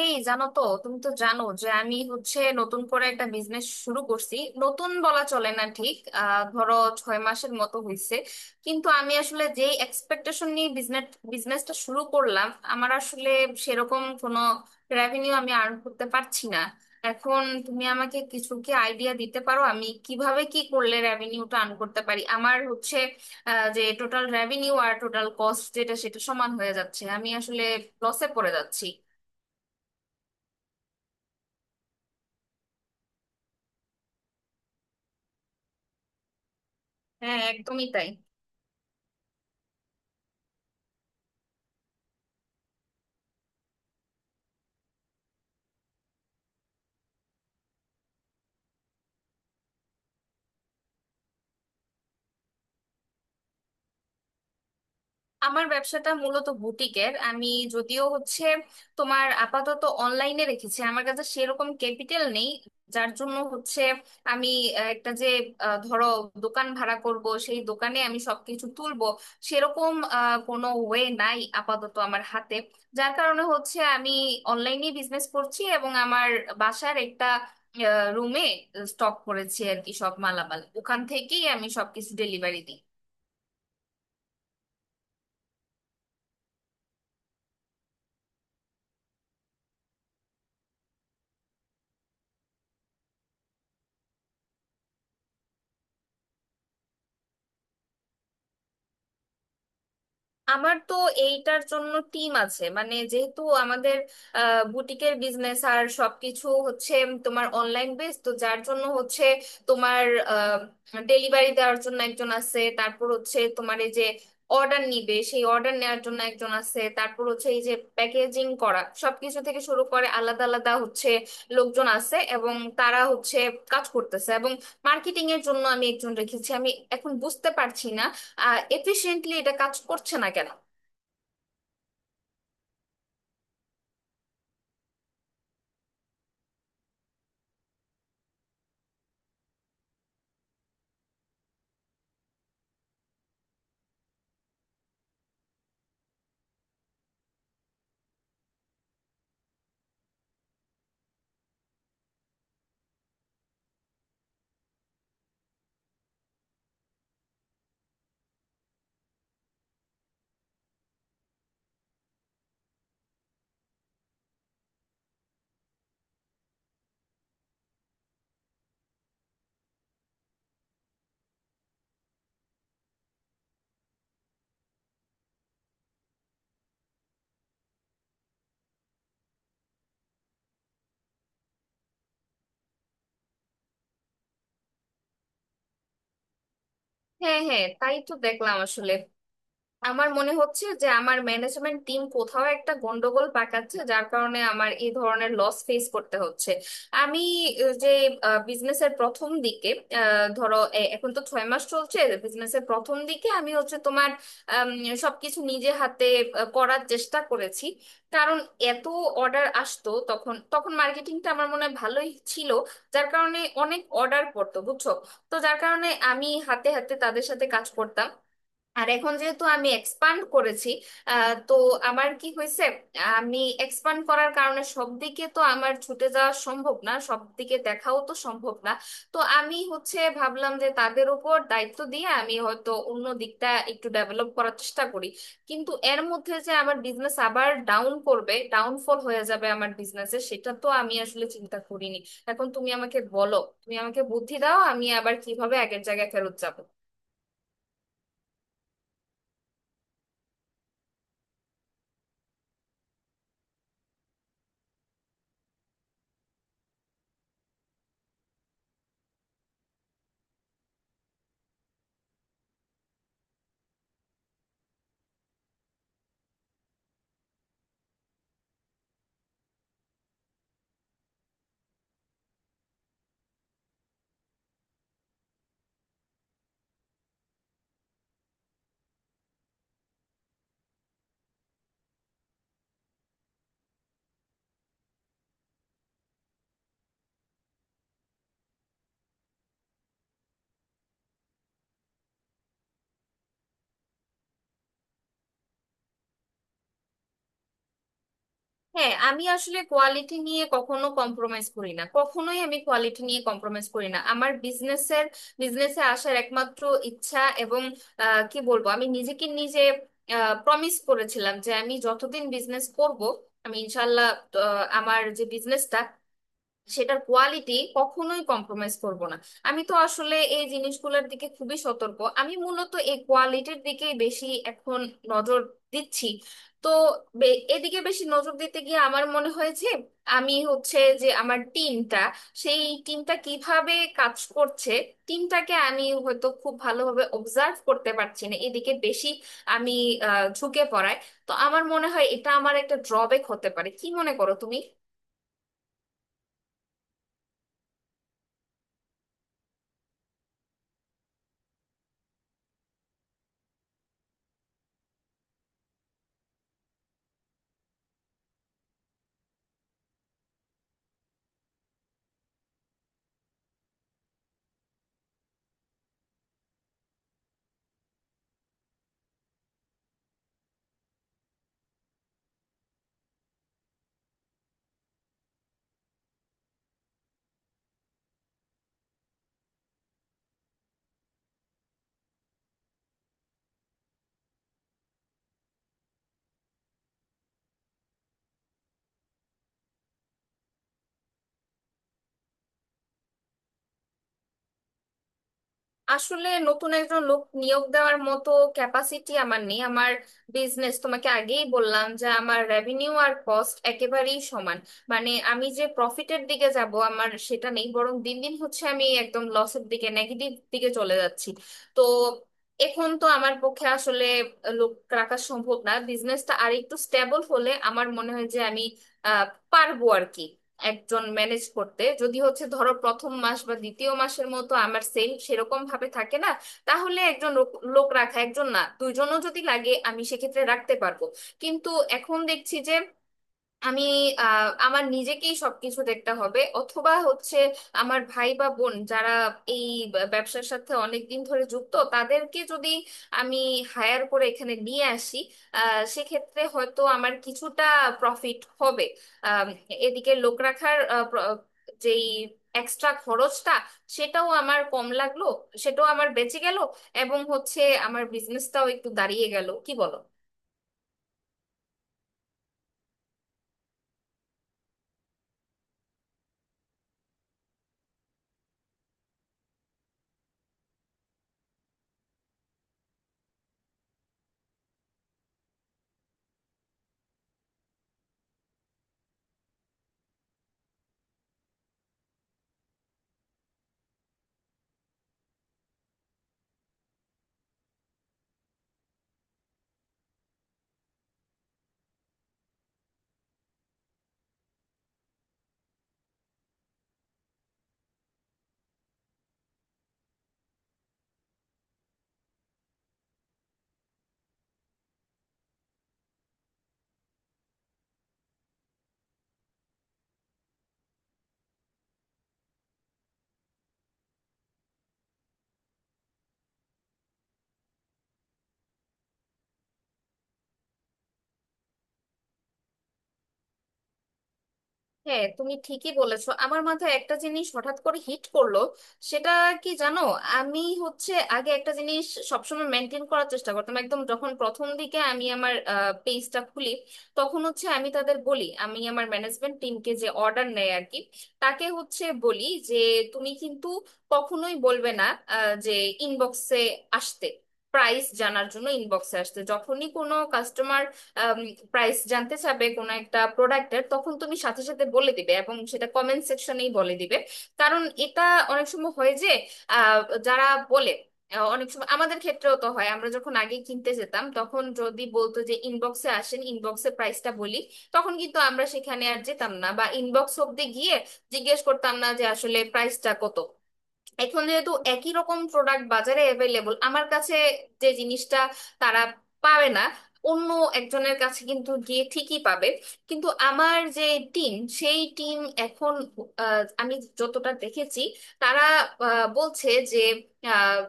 এই, জানো তো? তুমি তো জানো যে আমি হচ্ছে নতুন করে একটা বিজনেস শুরু করছি। নতুন বলা চলে না ঠিক, ধরো, 6 মাসের মতো হয়েছে। কিন্তু আমি আসলে যে এক্সপেকটেশন নিয়ে বিজনেসটা শুরু করলাম, আমার আসলে সেরকম কোনো রেভিনিউ আমি আর্ন করতে পারছি না। এখন তুমি আমাকে কিছু কি আইডিয়া দিতে পারো, আমি কিভাবে কি করলে রেভিনিউটা আর্ন করতে পারি? আমার হচ্ছে যে টোটাল রেভিনিউ আর টোটাল কস্ট, যেটা সেটা সমান হয়ে যাচ্ছে, আমি আসলে লসে পড়ে যাচ্ছি। হ্যাঁ, হ্যাঁ, একদমই তাই। আমার ব্যবসাটা মূলত বুটিকের। আমি যদিও হচ্ছে তোমার আপাতত অনলাইনে রেখেছি, আমার কাছে সেরকম ক্যাপিটাল নেই। যার জন্য হচ্ছে আমি আহ, একটা যে আহ, ধরো, দোকান ভাড়া করব, সেই দোকানে আমি সবকিছু তুলবো, সেরকম কোনো ওয়ে নাই আপাতত আমার হাতে। যার কারণে হচ্ছে আমি অনলাইনে বিজনেস করছি, এবং আমার বাসার একটা রুমে স্টক করেছি আর কি, সব মালামাল ওখান থেকেই আমি সবকিছু ডেলিভারি দিই। আমার তো এইটার জন্য টিম আছে, মানে যেহেতু আমাদের বুটিকের বিজনেস আর সবকিছু হচ্ছে তোমার অনলাইন বেস তো, যার জন্য হচ্ছে তোমার ডেলিভারি দেওয়ার জন্য একজন আছে, তারপর হচ্ছে তোমার এই যে অর্ডার নিবে, সেই অর্ডার নেওয়ার জন্য একজন আছে, তারপর হচ্ছে এই যে প্যাকেজিং করা সবকিছু থেকে শুরু করে আলাদা আলাদা হচ্ছে লোকজন আছে, এবং তারা হচ্ছে কাজ করতেছে, এবং মার্কেটিং এর জন্য আমি একজন রেখেছি। আমি এখন বুঝতে পারছি না এফিশিয়েন্টলি এটা কাজ করছে না কেন। হ্যাঁ, হ্যাঁ, তাই তো দেখলাম আসলে। আমার মনে হচ্ছে যে আমার ম্যানেজমেন্ট টিম কোথাও একটা গন্ডগোল পাকাচ্ছে, যার কারণে আমার এই ধরনের লস ফেস করতে হচ্ছে। আমি আহ, যে বিজনেসের প্রথম দিকে, এখন তো 6 মাস চলছে, বিজনেসের প্রথম দিকে আমি হচ্ছে তোমার আম, সবকিছু নিজে হাতে করার চেষ্টা করেছি। কারণ এত অর্ডার আসতো, তখন তখন মার্কেটিংটা আমার মনে হয় ভালোই ছিল, যার কারণে অনেক অর্ডার পড়তো, বুঝছো? তো যার কারণে আমি হাতে হাতে তাদের সাথে কাজ করতাম। আর এখন যেহেতু আমি এক্সপান্ড করেছি, তো আমার কি হয়েছে, আমি এক্সপান্ড করার কারণে সব দিকে তো আমার ছুটে যাওয়া সম্ভব না, সব দিকে দেখাও তো সম্ভব না। তো আমি হচ্ছে ভাবলাম যে তাদের উপর দায়িত্ব দিয়ে আমি হয়তো অন্য দিকটা একটু ডেভেলপ করার চেষ্টা করি। কিন্তু এর মধ্যে যে আমার বিজনেস আবার ডাউনফল হয়ে যাবে আমার বিজনেসে, সেটা তো আমি আসলে চিন্তা করিনি। এখন তুমি আমাকে বলো, তুমি আমাকে বুদ্ধি দাও, আমি আবার কিভাবে আগের জায়গায় ফেরত যাব। হ্যাঁ, আমি আসলে কোয়ালিটি নিয়ে কখনো কম্প্রোমাইজ করি না, কখনোই আমি কোয়ালিটি নিয়ে কম্প্রোমাইজ করি না। আমার বিজনেসে আসার একমাত্র ইচ্ছা এবং কি বলবো, আমি নিজেকে নিজে প্রমিস করেছিলাম যে আমি যতদিন বিজনেস করব, আমি ইনশাল্লাহ আমার যে বিজনেসটা সেটার কোয়ালিটি কখনোই কম্প্রোমাইজ করব না। আমি তো আসলে এই জিনিসগুলোর দিকে খুবই সতর্ক, আমি মূলত এই কোয়ালিটির দিকেই বেশি এখন নজর দিচ্ছি। তো এদিকে বেশি নজর দিতে গিয়ে আমার মনে হয়েছে আমি হচ্ছে যে আমার টিমটা কিভাবে কাজ করছে, টিমটাকে আমি হয়তো খুব ভালোভাবে অবজার্ভ করতে পারছি না, এদিকে বেশি আমি ঝুঁকে পড়ায়। তো আমার মনে হয় এটা আমার একটা ড্রব্যাক হতে পারে, কি মনে করো তুমি? আসলে নতুন একজন লোক নিয়োগ দেওয়ার মতো ক্যাপাসিটি আমার নেই। আমার বিজনেস, তোমাকে আগেই বললাম যে আমার রেভিনিউ আর কস্ট একেবারেই সমান, মানে আমি যে প্রফিটের দিকে যাব আমার সেটা নেই, বরং দিন দিন হচ্ছে আমি একদম লসের দিকে, নেগেটিভ দিকে চলে যাচ্ছি। তো এখন তো আমার পক্ষে আসলে লোক রাখা সম্ভব না, বিজনেসটা আর একটু স্টেবল হলে আমার মনে হয় যে আমি আহ পারবো আর কি, একজন ম্যানেজ করতে। যদি হচ্ছে ধরো প্রথম মাস বা দ্বিতীয় মাসের মতো আমার সেল সেরকম ভাবে থাকে না, তাহলে একজন লোক লোক রাখা, একজন না দুইজনও যদি লাগে আমি সেক্ষেত্রে রাখতে পারবো। কিন্তু এখন দেখছি যে আমি আমার নিজেকেই সবকিছু দেখতে হবে, অথবা হচ্ছে আমার ভাই বা বোন যারা এই ব্যবসার সাথে অনেক দিন ধরে যুক্ত, তাদেরকে যদি আমি হায়ার করে এখানে নিয়ে আসি, সেক্ষেত্রে হয়তো আমার কিছুটা প্রফিট হবে। আম, এদিকে লোক রাখার যেই এক্সট্রা খরচটা, সেটাও আমার কম লাগলো, সেটাও আমার বেঁচে গেল, এবং হচ্ছে আমার বিজনেসটাও একটু দাঁড়িয়ে গেল, কি বলো? হ্যাঁ, তুমি ঠিকই বলেছো। আমার মাথায় একটা জিনিস হঠাৎ করে হিট করলো, সেটা কি জানো? আমি হচ্ছে আগে একটা জিনিস সবসময় মেনটেন করার চেষ্টা করতাম, একদম যখন প্রথম দিকে আমি আমার পেজটা খুলি, তখন হচ্ছে আমি তাদের বলি, আমি আমার ম্যানেজমেন্ট টিমকে, যে অর্ডার নেয় আর কি, তাকে হচ্ছে বলি যে, তুমি কিন্তু কখনোই বলবে না আহ, যে ইনবক্সে আসতে প্রাইস জানার জন্য ইনবক্সে আসতে। যখনই কোনো কাস্টমার প্রাইস জানতে চাবে কোনো একটা প্রোডাক্টের, তখন তুমি সাথে সাথে বলে দিবে, এবং সেটা কমেন্ট সেকশনেই বলে দিবে। কারণ এটা অনেক সময় হয় যে, আহ, যারা বলে আহ, অনেক সময় আমাদের ক্ষেত্রেও তো হয়, আমরা যখন আগে কিনতে যেতাম তখন যদি বলতো যে ইনবক্সে আসেন, ইনবক্সে প্রাইসটা বলি, তখন কিন্তু আমরা সেখানে আর যেতাম না, বা ইনবক্স অব্দি গিয়ে জিজ্ঞেস করতাম না যে আসলে প্রাইসটা কত। এখন যেহেতু একই রকম প্রোডাক্ট বাজারে অ্যাভেলেবল, আমার কাছে যে জিনিসটা তারা পাবে না, অন্য একজনের কাছে কিন্তু গিয়ে ঠিকই পাবে। কিন্তু আমার যে টিম টিম এখন, আমি যতটা দেখেছি, তারা বলছে যে আহ,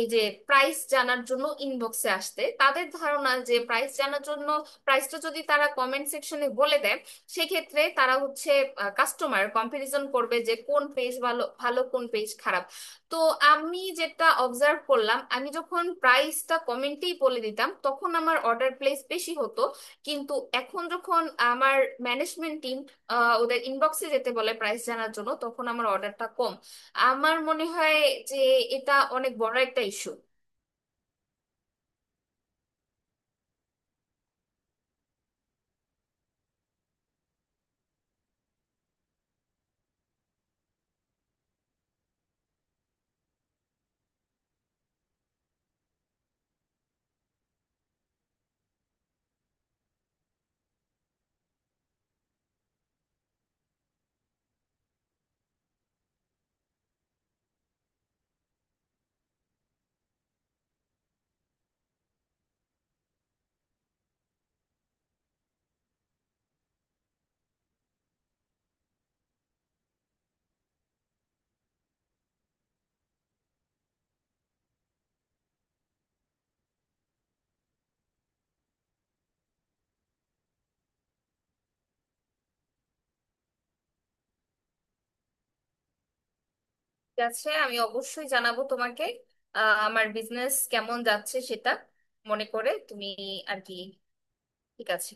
এই যে প্রাইস জানার জন্য ইনবক্সে আসতে, তাদের ধারণা যে প্রাইস জানার জন্য, প্রাইসটা যদি তারা কমেন্ট সেকশনে বলে দেয়, সেক্ষেত্রে তারা হচ্ছে, কাস্টমার কম্পারিজন করবে যে কোন পেজ ভালো, কোন পেজ খারাপ। তো আমি যেটা অবজার্ভ করলাম, আমি যখন প্রাইসটা কমেন্টেই বলে দিতাম তখন আমার অর্ডার প্লেস বেশি হতো। কিন্তু এখন যখন আমার ম্যানেজমেন্ট টিম ওদের ইনবক্সে যেতে বলে প্রাইস জানার জন্য, তখন আমার অর্ডারটা কম। আমার মনে হয় যে এটা অনেক বড় একটা ইস্যু। ঠিক আছে, আমি অবশ্যই জানাবো তোমাকে আমার বিজনেস কেমন যাচ্ছে সেটা। মনে করে তুমি আর কি। ঠিক আছে।